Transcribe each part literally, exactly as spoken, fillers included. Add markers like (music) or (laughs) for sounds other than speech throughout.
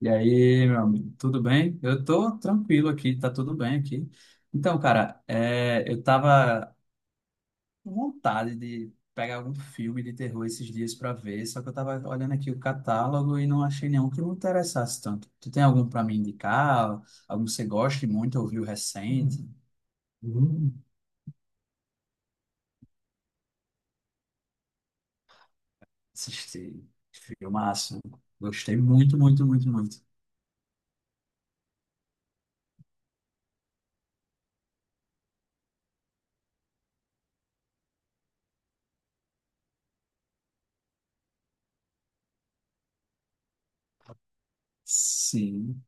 E aí, meu amigo, tudo bem? Eu tô tranquilo aqui, tá tudo bem aqui. Então, cara, é, eu tava com vontade de pegar algum filme de terror esses dias pra ver, só que eu tava olhando aqui o catálogo e não achei nenhum que me interessasse tanto. Tu tem algum pra me indicar? Algum que você goste muito, ouviu recente? Hum. Assisti, filmaço. Gostei muito, muito, muito, muito. Sim.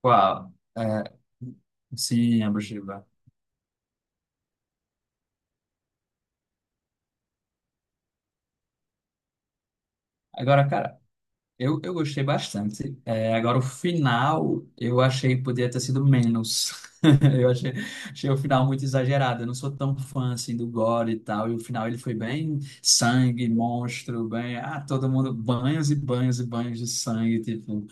Qual? É, sim, a Bruxa. Agora, cara, Eu, eu gostei bastante. É, agora, o final, eu achei que podia ter sido menos. (laughs) Eu achei, achei o final muito exagerado. Eu não sou tão fã, assim, do gore e tal. E o final, ele foi bem sangue, monstro, bem... Ah, todo mundo... Banhos e banhos e banhos de sangue, tipo...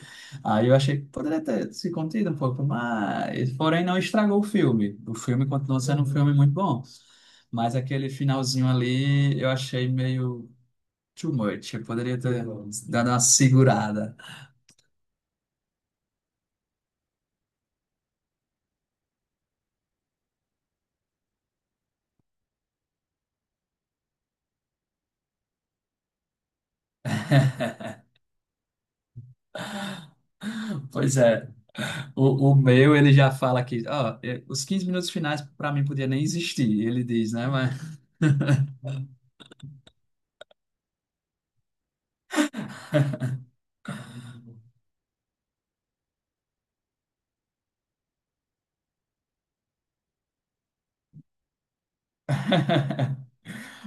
Aí eu achei que poderia ter se contido um pouco, mas porém, não estragou o filme. O filme continua sendo um filme muito bom. Mas aquele finalzinho ali, eu achei meio... too much, eu poderia ter dado uma segurada. (laughs) Pois é, o, o meu ele já fala que, ó, eh, os quinze minutos finais para mim podia nem existir, ele diz, né? Mas... (laughs)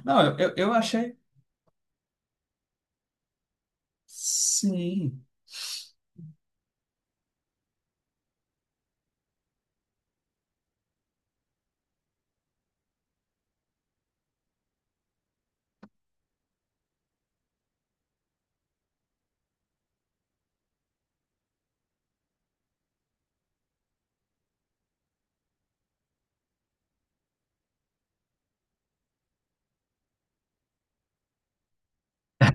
Não, eu, eu eu achei. Sim.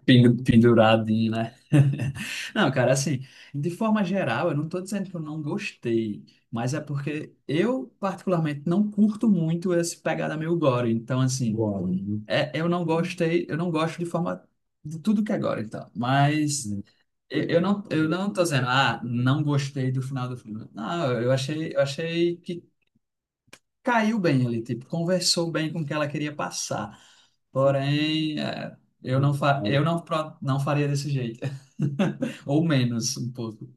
Pendu- penduradinho, né? (laughs) Não, cara, assim, de forma geral, eu não tô dizendo que eu não gostei, mas é porque eu, particularmente, não curto muito esse pegada meio gore. Então, assim, agora, né, é, eu não gostei, eu não gosto de forma de tudo que é gore, então. Mas hum, eu, eu não, eu não tô dizendo, ah, não gostei do final do filme. Não, eu achei, eu achei que caiu bem ali, tipo, conversou bem com o que ela queria passar. Porém, é, eu não fa eu não, pro- não faria desse jeito. (laughs) Ou menos um pouco.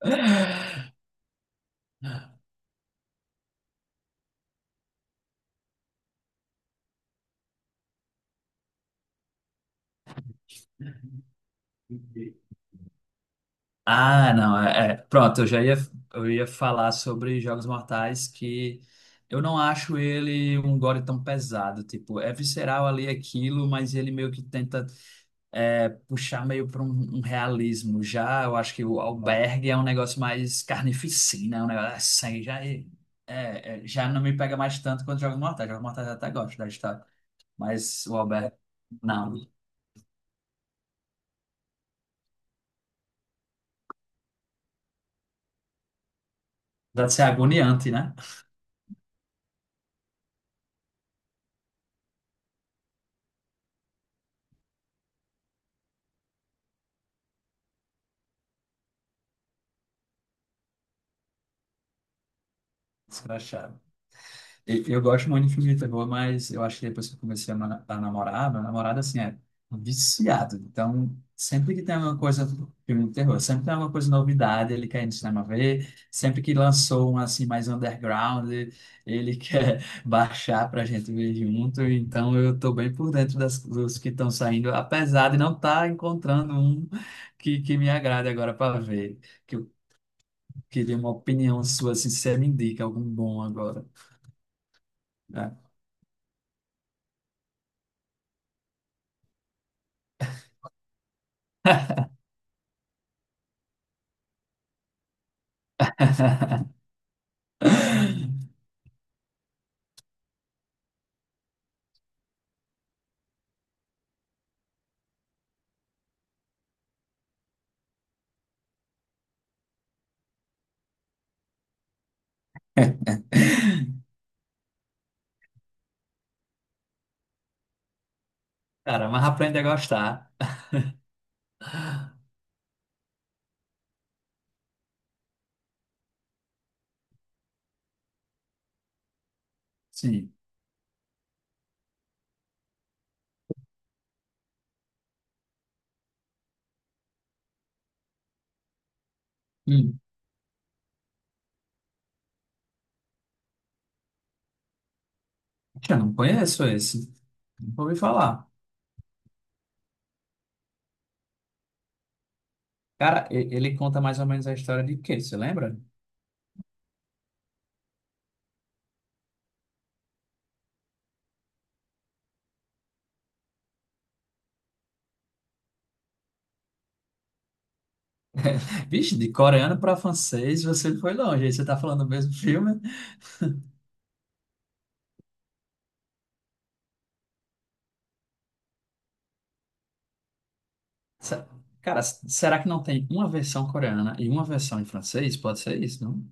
(laughs) Ah, não, é, é, pronto, eu já ia, eu ia falar sobre Jogos Mortais que eu não acho ele um gore tão pesado, tipo, é visceral ali aquilo, mas ele meio que tenta é, puxar meio para um, um realismo. Já eu acho que o Albergue é um negócio mais carnificina, é um negócio assim, já, é, é, é, já não me pega mais tanto quando jogo no Mortal. Jogo no Mortal eu até gosto da história, mas o Albergue, não. Deve ser agoniante, né? (laughs) Escrachado. E- Eu gosto muito de filme de terror, mas eu acho que depois que eu comecei a ma- a namorar, meu namorado, assim, é viciado. Então, sempre que tem alguma coisa, filme de terror, sempre tem alguma coisa novidade, ele quer ir no cinema ver. Sempre que lançou um, assim, mais underground, ele (laughs) quer baixar pra gente ver junto. Então, eu tô bem por dentro das, dos que estão saindo, apesar de não estar encontrando um que, que me agrade agora para ver. Que eu queria uma opinião sua, assim, se você me indica algum bom agora, né? (laughs) Cara, mas aprende a gostar. Sim. Hum. Eu não conheço esse. Nunca ouvi falar. Cara, e- ele conta mais ou menos a história de quê? Você lembra? Vixe, de coreano para francês, você foi longe. Aí você tá falando do mesmo filme? Se- Cara, s- será que não tem uma versão coreana e uma versão em francês? Pode ser isso, não?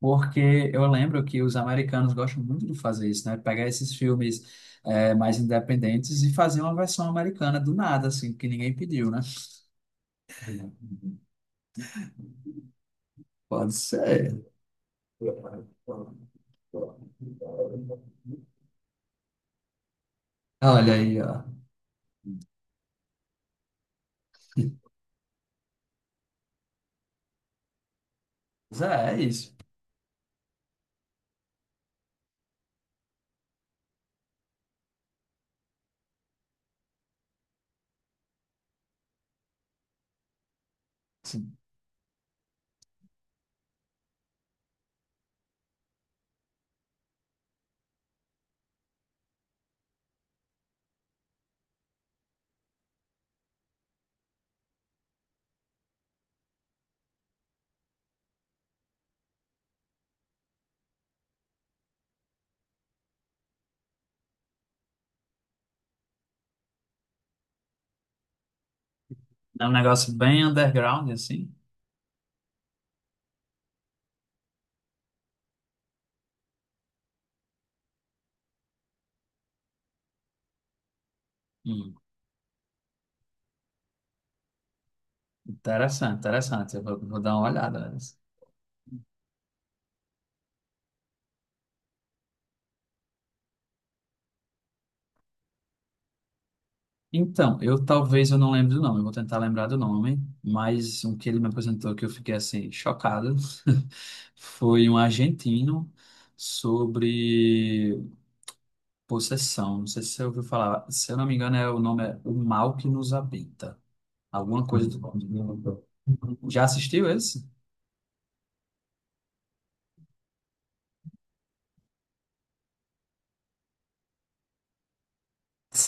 Porque eu lembro que os americanos gostam muito de fazer isso, né? Pegar esses filmes eh, mais independentes e fazer uma versão americana do nada, assim, que ninguém pediu, né? Pode ser. Olha aí, ó. Mas é, é isso. Assim, é um negócio bem underground, assim. Hum, Interessante, interessante. Eu vou, vou dar uma olhada. Então, eu talvez eu não lembre do nome, eu vou tentar lembrar do nome, mas um que ele me apresentou que eu fiquei assim chocado (laughs) foi um argentino sobre possessão. Não sei se você ouviu falar, se eu não me engano, é o nome é O Mal que Nos Habita, alguma coisa do nome. Já assistiu esse?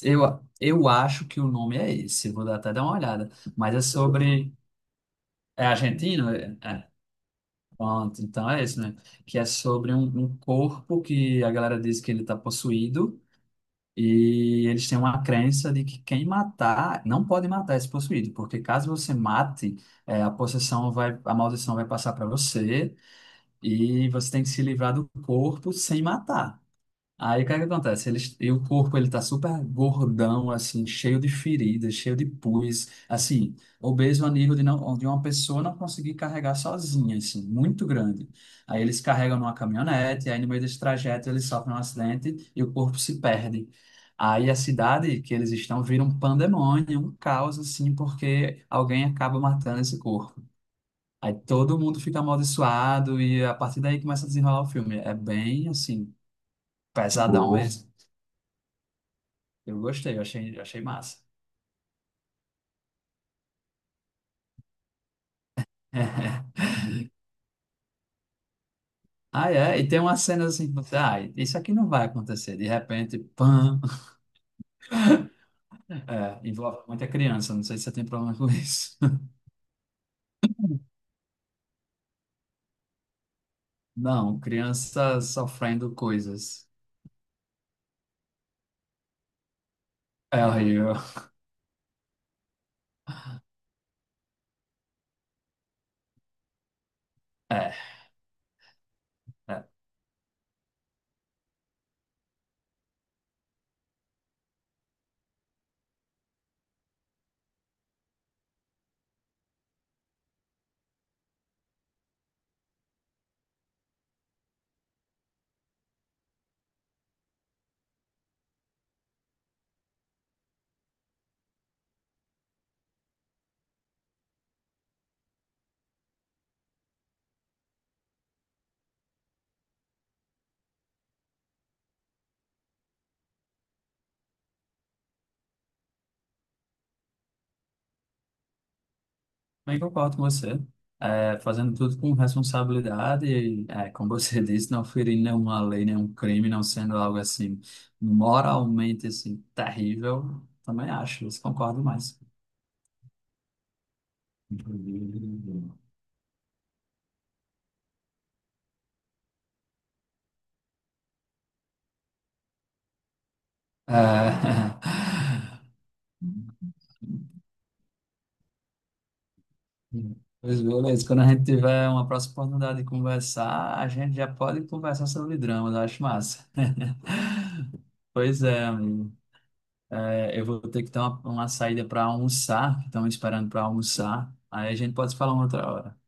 Eu, eu acho que o nome é esse, vou dar- até dar uma olhada, mas é sobre. É argentino? É, pronto, então é isso, né? Que é sobre um, um corpo que a galera diz que ele está possuído e eles têm uma crença de que quem matar, não pode matar esse possuído, porque caso você mate, é, a possessão vai, a maldição vai passar para você e você tem que se livrar do corpo sem matar. Aí o que é que acontece? Eles e o corpo ele tá super gordão, assim, cheio de feridas, cheio de pus, assim, obeso a nível de, não, de uma pessoa não conseguir carregar sozinha, assim, muito grande. Aí eles carregam numa caminhonete, aí no meio desse trajeto eles sofrem um acidente e o corpo se perde. Aí a cidade que eles estão vira um pandemônio, um caos, assim, porque alguém acaba matando esse corpo. Aí todo mundo fica amaldiçoado e a partir daí começa a desenrolar o filme. É bem, assim, pesadão mesmo. Eu gostei, eu achei, eu achei massa. (laughs) Ah, é, e tem umas cenas assim, que você, ah, isso aqui não vai acontecer. De repente, pam, (laughs) é, envolve muita criança, não sei se você tem problema com isso. (laughs) Não, criança sofrendo coisas. É horrível. É, é. Bem, concordo com você. É, fazendo tudo com responsabilidade, e, é, como você (laughs) disse, não ferindo nenhuma lei, nenhum crime, não sendo algo assim moralmente assim terrível, também acho, isso concordo mais. Ah, (laughs) pois beleza, quando a gente tiver uma próxima oportunidade de conversar, a gente já pode conversar sobre dramas, eu acho massa. (laughs) Pois é, amigo. É, eu vou ter que ter uma, uma saída para almoçar, que estão me esperando para almoçar. Aí a gente pode se falar uma outra hora.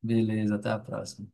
Beleza, até a próxima.